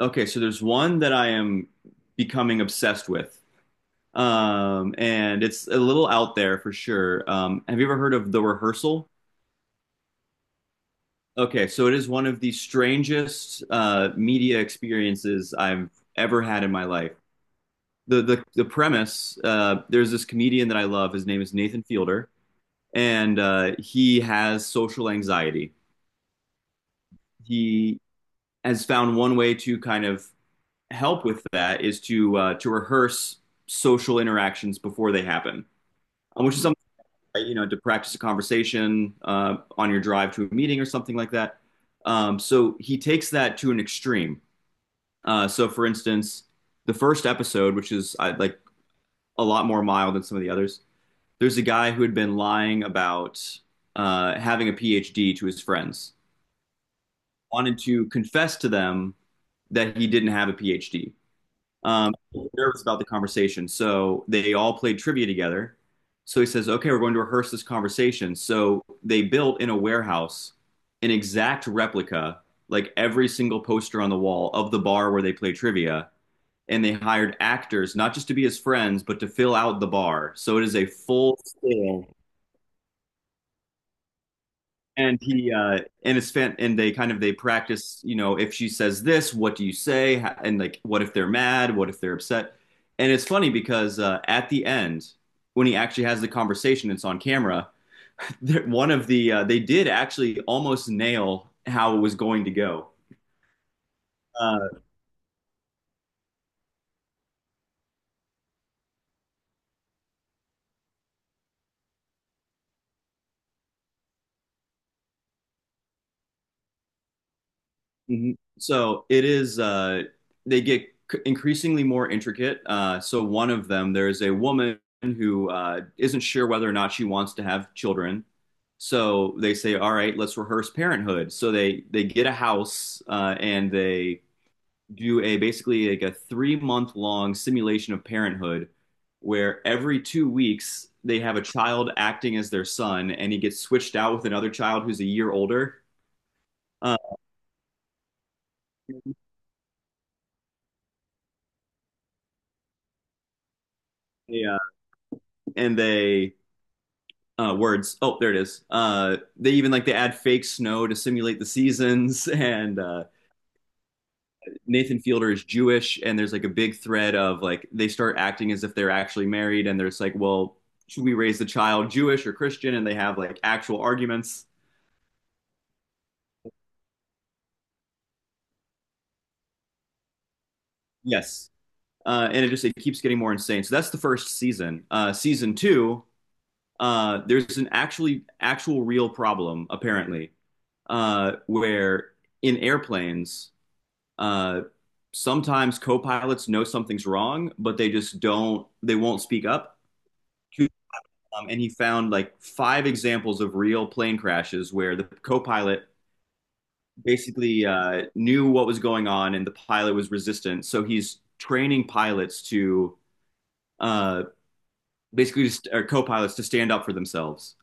Okay, so there's one that I am becoming obsessed with. And it's a little out there for sure. Have you ever heard of The Rehearsal? Okay, so it is one of the strangest media experiences I've ever had in my life. The premise there's this comedian that I love. His name is Nathan Fielder, and he has social anxiety. He has found one way to kind of help with that is to rehearse social interactions before they happen, which is something, right, to practice a conversation on your drive to a meeting or something like that. So he takes that to an extreme. So for instance, the first episode, which is like a lot more mild than some of the others, there's a guy who had been lying about having a PhD to his friends, wanted to confess to them that he didn't have a PhD. Um, Nervous about the conversation. So they all played trivia together. So he says, okay, we're going to rehearse this conversation. So they built in a warehouse an exact replica, like every single poster on the wall of the bar where they play trivia. And they hired actors, not just to be his friends, but to fill out the bar. So it is a full scale. And he and it's fan And they kind of they practice. If she says this, what do you say? And, like, what if they're mad? What if they're upset? And it's funny because at the end, when he actually has the conversation, it's on camera that one of the they did actually almost nail how it was going to go. uh Mhm. They get increasingly more intricate. So one of them, there is a woman who isn't sure whether or not she wants to have children. So they say, all right, let's rehearse parenthood. So they get a house, and they do a basically like a 3-month long simulation of parenthood, where every 2 weeks they have a child acting as their son, and he gets switched out with another child who's a year older. Uh, yeah, and they words. Oh, there it is. They even, like they add fake snow to simulate the seasons. And Nathan Fielder is Jewish, and there's like a big thread of like they start acting as if they're actually married, and there's like, well, should we raise the child Jewish or Christian? And they have like actual arguments. Yes. And it just it keeps getting more insane. So that's the first season. Season two, there's an actual real problem apparently, where in airplanes, uh, sometimes co-pilots know something's wrong, but they just don't, they won't speak up. And he found like 5 examples of real plane crashes where the co-pilot basically knew what was going on and the pilot was resistant. So he's training pilots to uh, basically just or co-pilots to stand up for themselves.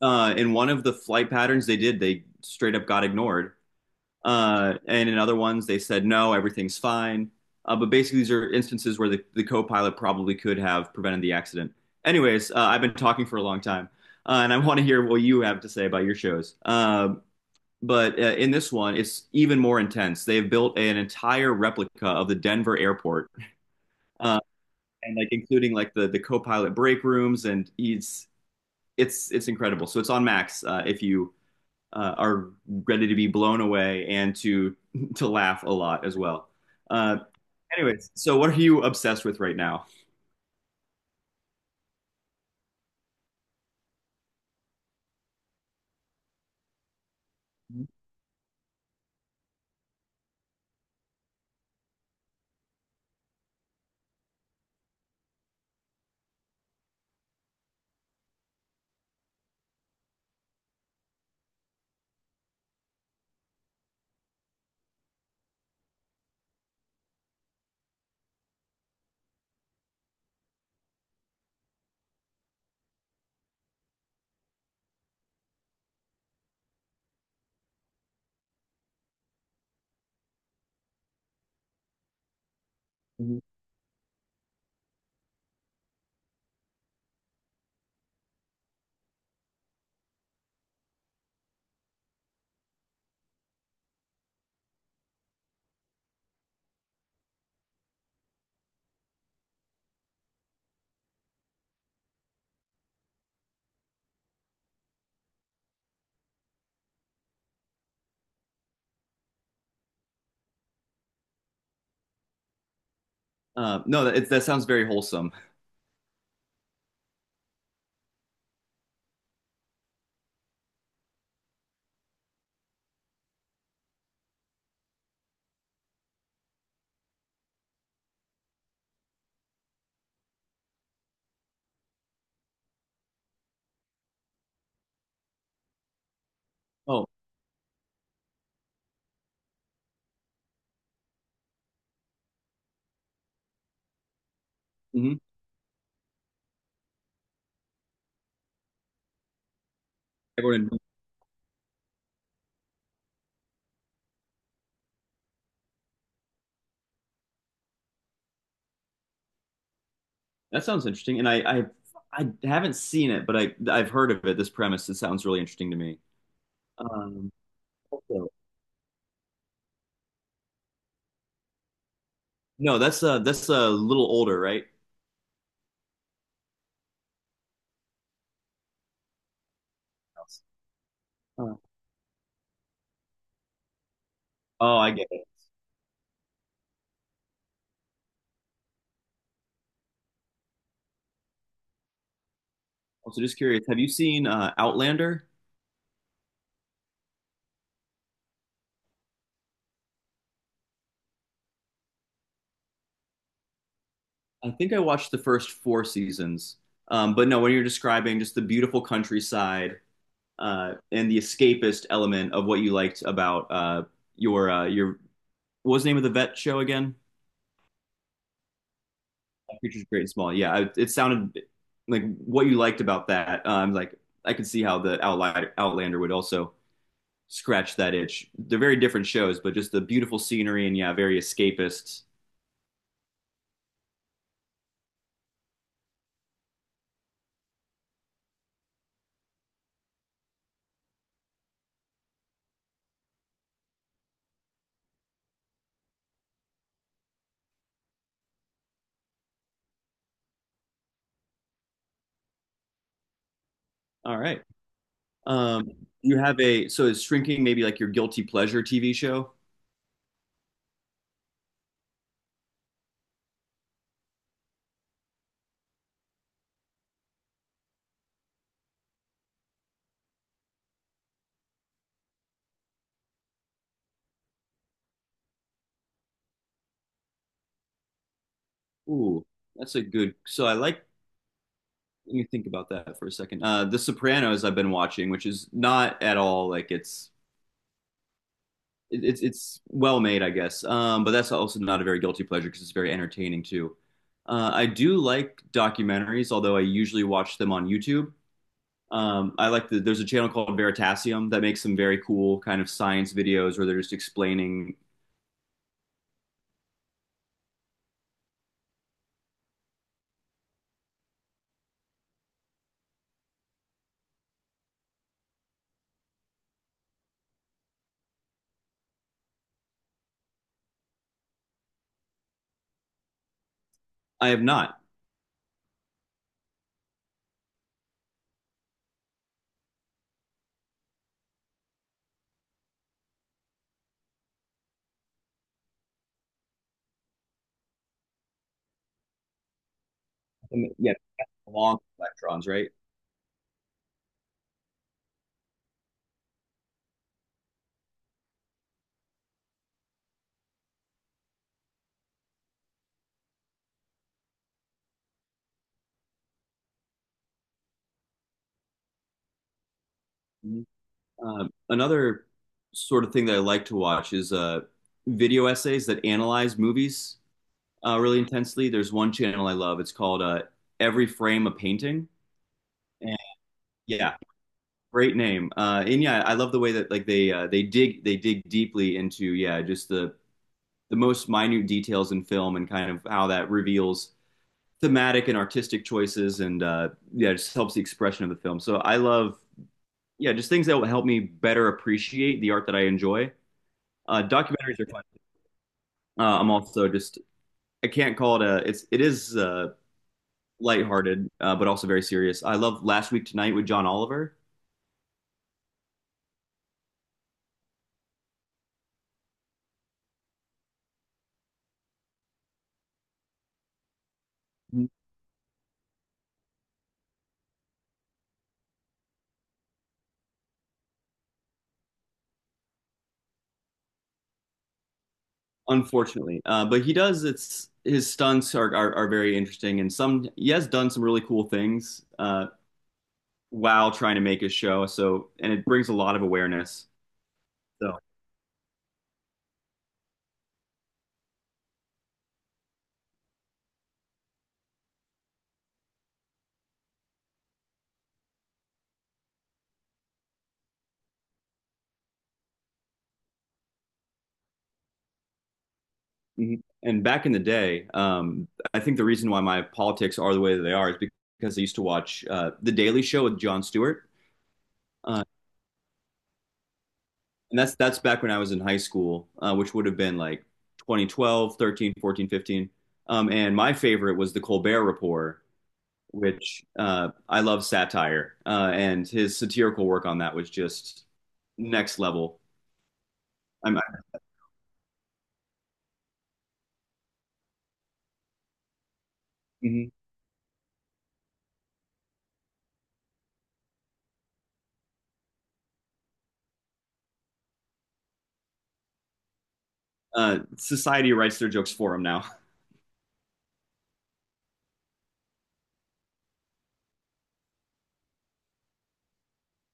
In one of the flight patterns they did, they straight up got ignored. And in other ones, they said, no, everything's fine. But basically, these are instances where the co pilot probably could have prevented the accident. Anyways, I've been talking for a long time, and I want to hear what you have to say about your shows. But in this one, it's even more intense. They have built an entire replica of the Denver airport, uh, and like including like the co-pilot break rooms, and it's incredible. So it's on Max, if you are ready to be blown away and to to laugh a lot as well. Uh, anyways, so what are you obsessed with right now? Mhm. No, that sounds very wholesome. Oh. Mhm. Everyone- that sounds interesting, and I haven't seen it, but I've heard of it. This premise, it sounds really interesting to me. Um, also- no, that's a little older, right? Uh, oh, I get it. Also, just curious, have you seen Outlander? I think I watched the first four seasons. But no, when you're describing just the beautiful countryside, and the escapist element of what you liked about your what was the name of the vet show again? Creatures Great and Small. Yeah, it sounded like what you liked about that. Like I could see how the Outlander would also scratch that itch. They're very different shows, but just the beautiful scenery, and yeah, very escapist. All right. Um, you have a So is Shrinking maybe like your guilty pleasure TV show? Ooh, that's a good. So I like. Let me think about that for a second. The Sopranos I've been watching, which is not at all like it's it- it's well made, I guess. But that's also not a very guilty pleasure because it's very entertaining too. I do like documentaries, although I usually watch them on YouTube. I like the There's a channel called Veritasium that makes some very cool kind of science videos where they're just explaining. I have not. Yeah, long electrons, right? Another sort of thing that I like to watch is video essays that analyze movies really intensely. There's one channel I love. It's called Every Frame a Painting. And yeah, great name. And yeah, I love the way that, like, they dig deeply into, yeah, just the most minute details in film and kind of how that reveals thematic and artistic choices, and yeah, just helps the expression of the film. So I love, yeah, just things that will help me better appreciate the art that I enjoy. Documentaries are fun. I'm also just I can't call it a it's it is, lighthearted, but also very serious. I love Last Week Tonight with John Oliver, unfortunately, but he does it's His stunts are very interesting, and some he has done some really cool things, while trying to make his show. And it brings a lot of awareness. So mhm. And back in the day, I think the reason why my politics are the way that they are is because I used to watch The Daily Show with Jon Stewart. Uh, and that's back when I was in high school, which would have been like 2012, 13, 14, 15. And my favorite was the Colbert Report, which I love satire, and his satirical work on that was just next level. I'm, Society writes their jokes for him now.